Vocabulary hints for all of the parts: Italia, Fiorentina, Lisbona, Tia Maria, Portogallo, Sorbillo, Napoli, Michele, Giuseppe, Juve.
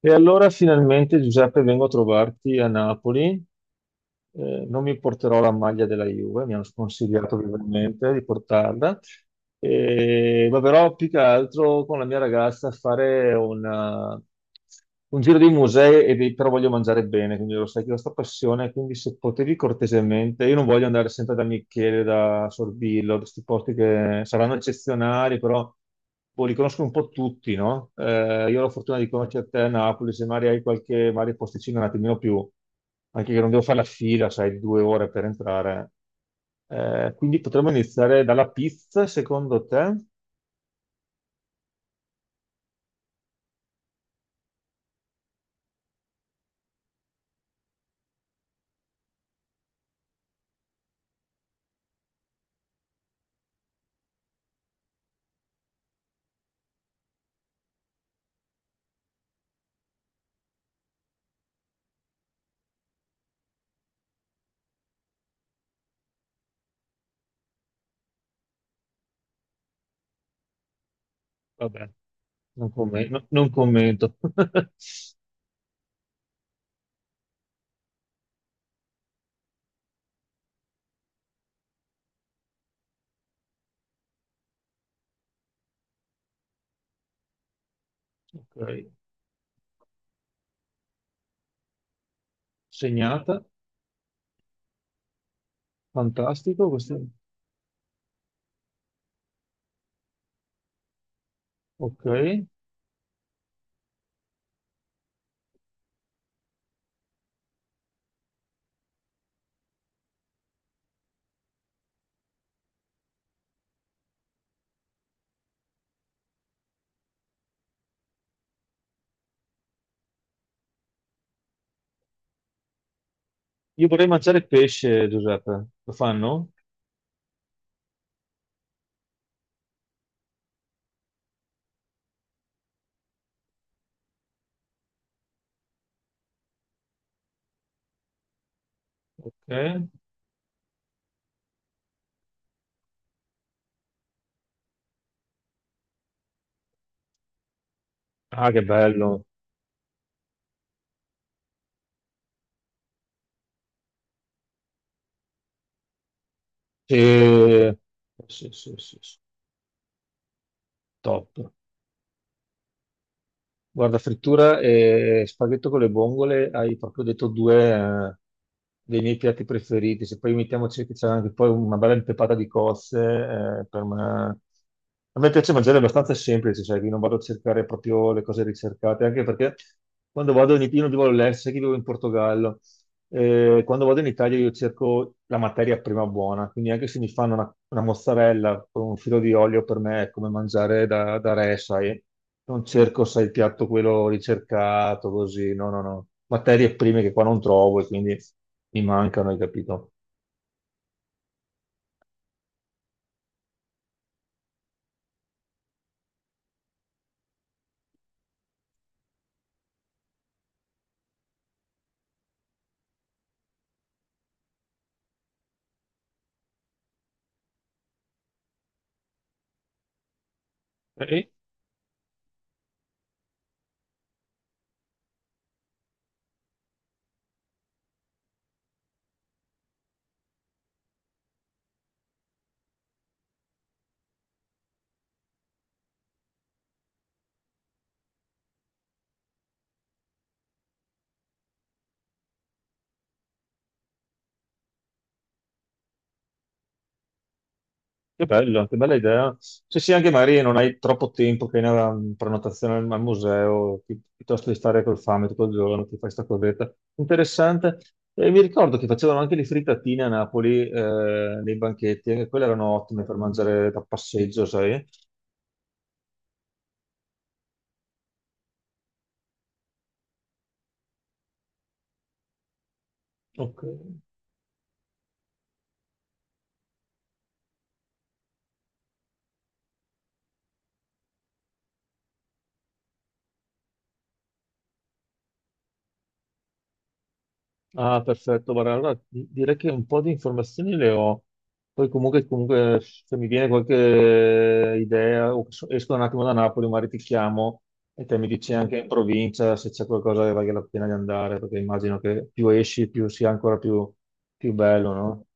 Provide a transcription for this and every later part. E allora finalmente Giuseppe vengo a trovarti a Napoli. Non mi porterò la maglia della Juve, mi hanno sconsigliato vivamente di portarla. Ma però più che altro con la mia ragazza a fare un giro di musei, e però voglio mangiare bene, quindi lo sai che ho questa passione, quindi se potevi cortesemente, io non voglio andare sempre da Michele, da Sorbillo, da questi posti che saranno eccezionali, però boh, li conosco un po' tutti, no? Io ho la fortuna di conoscere te a Napoli, se magari hai qualche magari posticino un attimino più anche che non devo fare la fila, sai, due ore per entrare. Quindi potremmo iniziare dalla pizza, secondo te? Vabbè, non commento. Ok, segnata, fantastico questo. Ok. Io vorrei mangiare pesce, Giuseppe. Lo fanno? Ok. Ah, che bello. Sì, sì, sì, sì, sì. Top. Guarda, frittura e spaghetto con le vongole, hai proprio detto due dei miei piatti preferiti. Se poi mettiamoci che c'è anche poi una bella impepata di cozze, per me... A me piace mangiare abbastanza semplice, sai, che non vado a cercare proprio le cose ricercate, anche perché quando vado in Italia, io non vivo all'estero, sai che vivo in Portogallo. Quando vado in Italia io cerco la materia prima buona, quindi anche se mi fanno una mozzarella con un filo di olio per me è come mangiare da re, sai. Non cerco, sai, il piatto quello ricercato, così, no, no, no. Materie prime che qua non trovo e quindi mi mancano, hai capito? Eh, che bello, che bella idea. Se sì, anche magari non hai troppo tempo che hai una prenotazione al museo, piuttosto di stare col fame tutto il giorno, ti fai sta cosetta. Interessante. E mi ricordo che facevano anche le frittatine a Napoli, nei banchetti, e quelle erano ottime per mangiare da passeggio, sai? Ok. Ah, perfetto, guarda, allora direi che un po' di informazioni le ho, poi comunque se mi viene qualche idea, o esco un attimo da Napoli, magari ti chiamo e te mi dici anche in provincia se c'è qualcosa che vale la pena di andare, perché immagino che più esci più sia ancora più, più bello, no?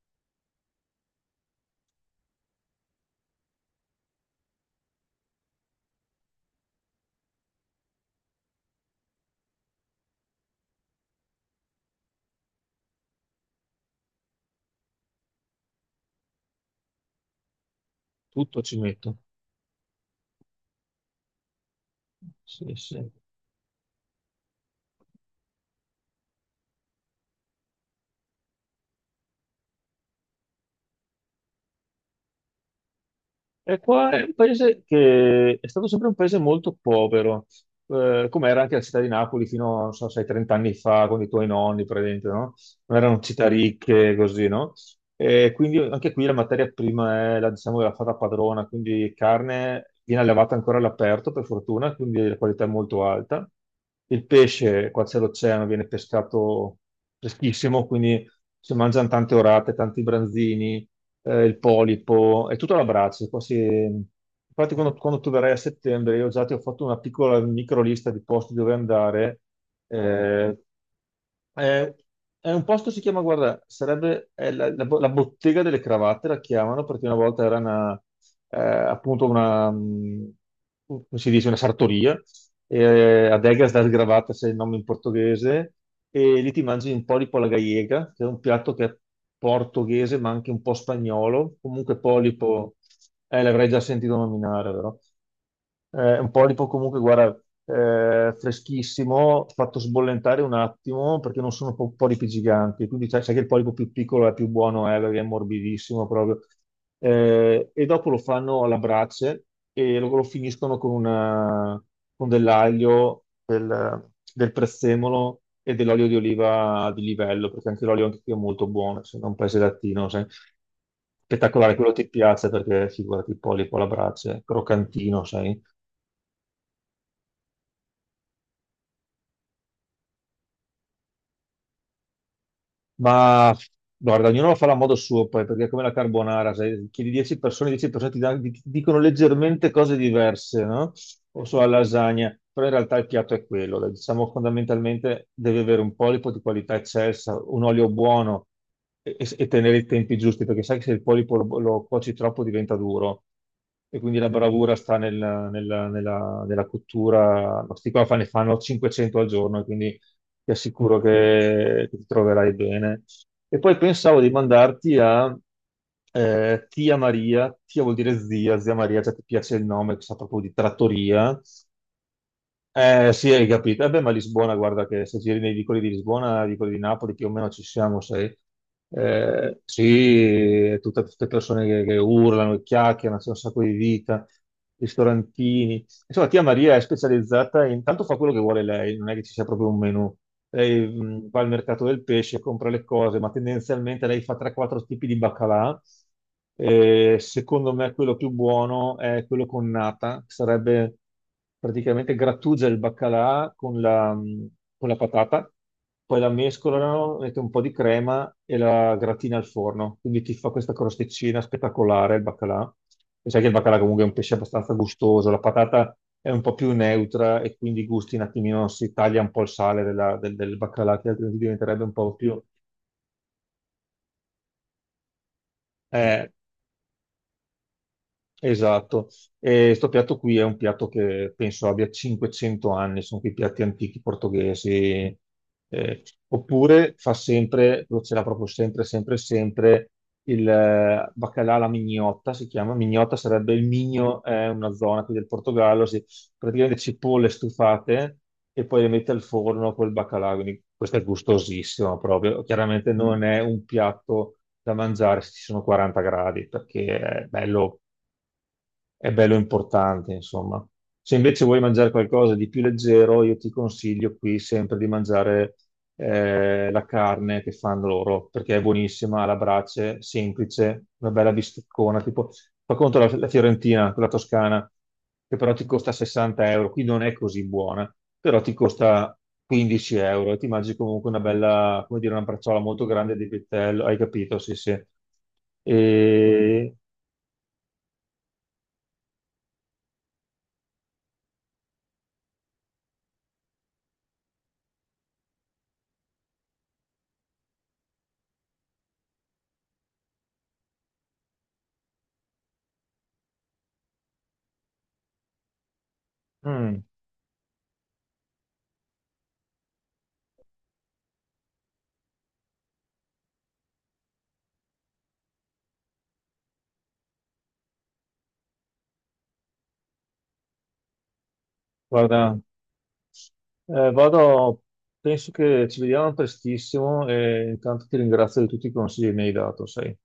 Tutto ci metto. Sì, sì. E qua è un paese che è stato sempre un paese molto povero. Come era anche la città di Napoli fino, non so, sei 30 anni fa con i tuoi nonni, praticamente, no? Non erano città ricche, così, no? E quindi anche qui la materia prima è la, diciamo, la fata padrona, quindi carne viene allevata ancora all'aperto, per fortuna, quindi la qualità è molto alta. Il pesce, qua c'è l'oceano, viene pescato freschissimo, quindi si mangiano tante orate, tanti branzini il polipo, è tutto all'abbraccio. Quasi... Infatti, quando tu verrai a settembre, io già ti ho fatto una piccola micro lista di posti dove andare. eh, è, è un posto, si chiama, guarda, sarebbe è la bottega delle cravatte, la chiamano, perché una volta era una, appunto una, come si dice, una sartoria. Adegas das gravatas è il nome in portoghese, e lì ti mangi un po' di polla gallega, che è un piatto che è portoghese ma anche un po' spagnolo, comunque polipo, l'avrei già sentito nominare, vero? Un polipo comunque, guarda, freschissimo, fatto sbollentare un attimo perché non sono polipi giganti, quindi sai, sai che il polipo più piccolo è più buono, perché è morbidissimo proprio. E dopo lo fanno alla brace e lo finiscono con dell'aglio, del prezzemolo e dell'olio di oliva di livello, perché anche l'olio anche qui è molto buono, se non un paese latino, sai. Spettacolare, quello ti piace perché figurati il polipo alla brace, croccantino, sai? Ma guarda, ognuno lo farà a modo suo poi, perché è come la carbonara, se chiedi 10 persone, 10 persone ti dicono leggermente cose diverse, no? O sulla lasagna, però in realtà il piatto è quello, dai. Diciamo fondamentalmente deve avere un polipo di qualità eccelsa, un olio buono e tenere i tempi giusti, perché sai che se il polipo lo cuoci troppo diventa duro e quindi la bravura sta nella cottura, ma questi qua ne fanno 500 al giorno, e quindi ti assicuro che ti troverai bene. E poi pensavo di mandarti a Tia Maria. Tia vuol dire zia, zia Maria, già ti piace il nome, che sa proprio di trattoria, sì, hai capito. Eh beh, ma Lisbona, guarda che se giri nei vicoli di Lisbona, nei vicoli di Napoli, più o meno ci siamo, sai. Sì, è tutte persone che urlano, e chiacchierano, c'è un sacco di vita, ristorantini. Insomma, tia Maria è specializzata, intanto fa quello che vuole lei, non è che ci sia proprio un menù. Lei va al mercato del pesce, compra le cose, ma tendenzialmente lei fa 3-4 tipi di baccalà. Secondo me quello più buono è quello con nata, che sarebbe praticamente grattugia il baccalà con la patata, poi la mescolano, mette un po' di crema e la gratina al forno. Quindi ti fa questa crosticina spettacolare il baccalà. E sai che il baccalà comunque è un pesce abbastanza gustoso, la patata è un po' più neutra e quindi i gusti un attimino si taglia un po' il sale del baccalà che altrimenti diventerebbe un po' più eh, esatto, e questo piatto qui è un piatto che penso abbia 500 anni, sono quei piatti antichi portoghesi. Eh, oppure fa sempre, lo c'era proprio sempre, sempre, sempre, il baccalà alla mignotta, si chiama, mignotta sarebbe il migno, è una zona qui del Portogallo, si, praticamente cipolle stufate e poi le mette al forno col baccalà, quindi questo è gustosissimo proprio, chiaramente non è un piatto da mangiare se ci sono 40 gradi, perché è bello importante, insomma. Se invece vuoi mangiare qualcosa di più leggero, io ti consiglio qui sempre di mangiare la carne che fanno loro, perché è buonissima, alla brace, semplice, una bella bisteccona, tipo, fa conto la Fiorentina, quella toscana, che però ti costa 60 euro, qui non è così buona, però ti costa 15 euro e ti mangi comunque una bella, come dire, una bracciola molto grande di vitello, hai capito? Sì, sì. E... mm, guarda... vado, penso che ci vediamo prestissimo e intanto ti ringrazio di tutti i consigli che mi hai dato, sai.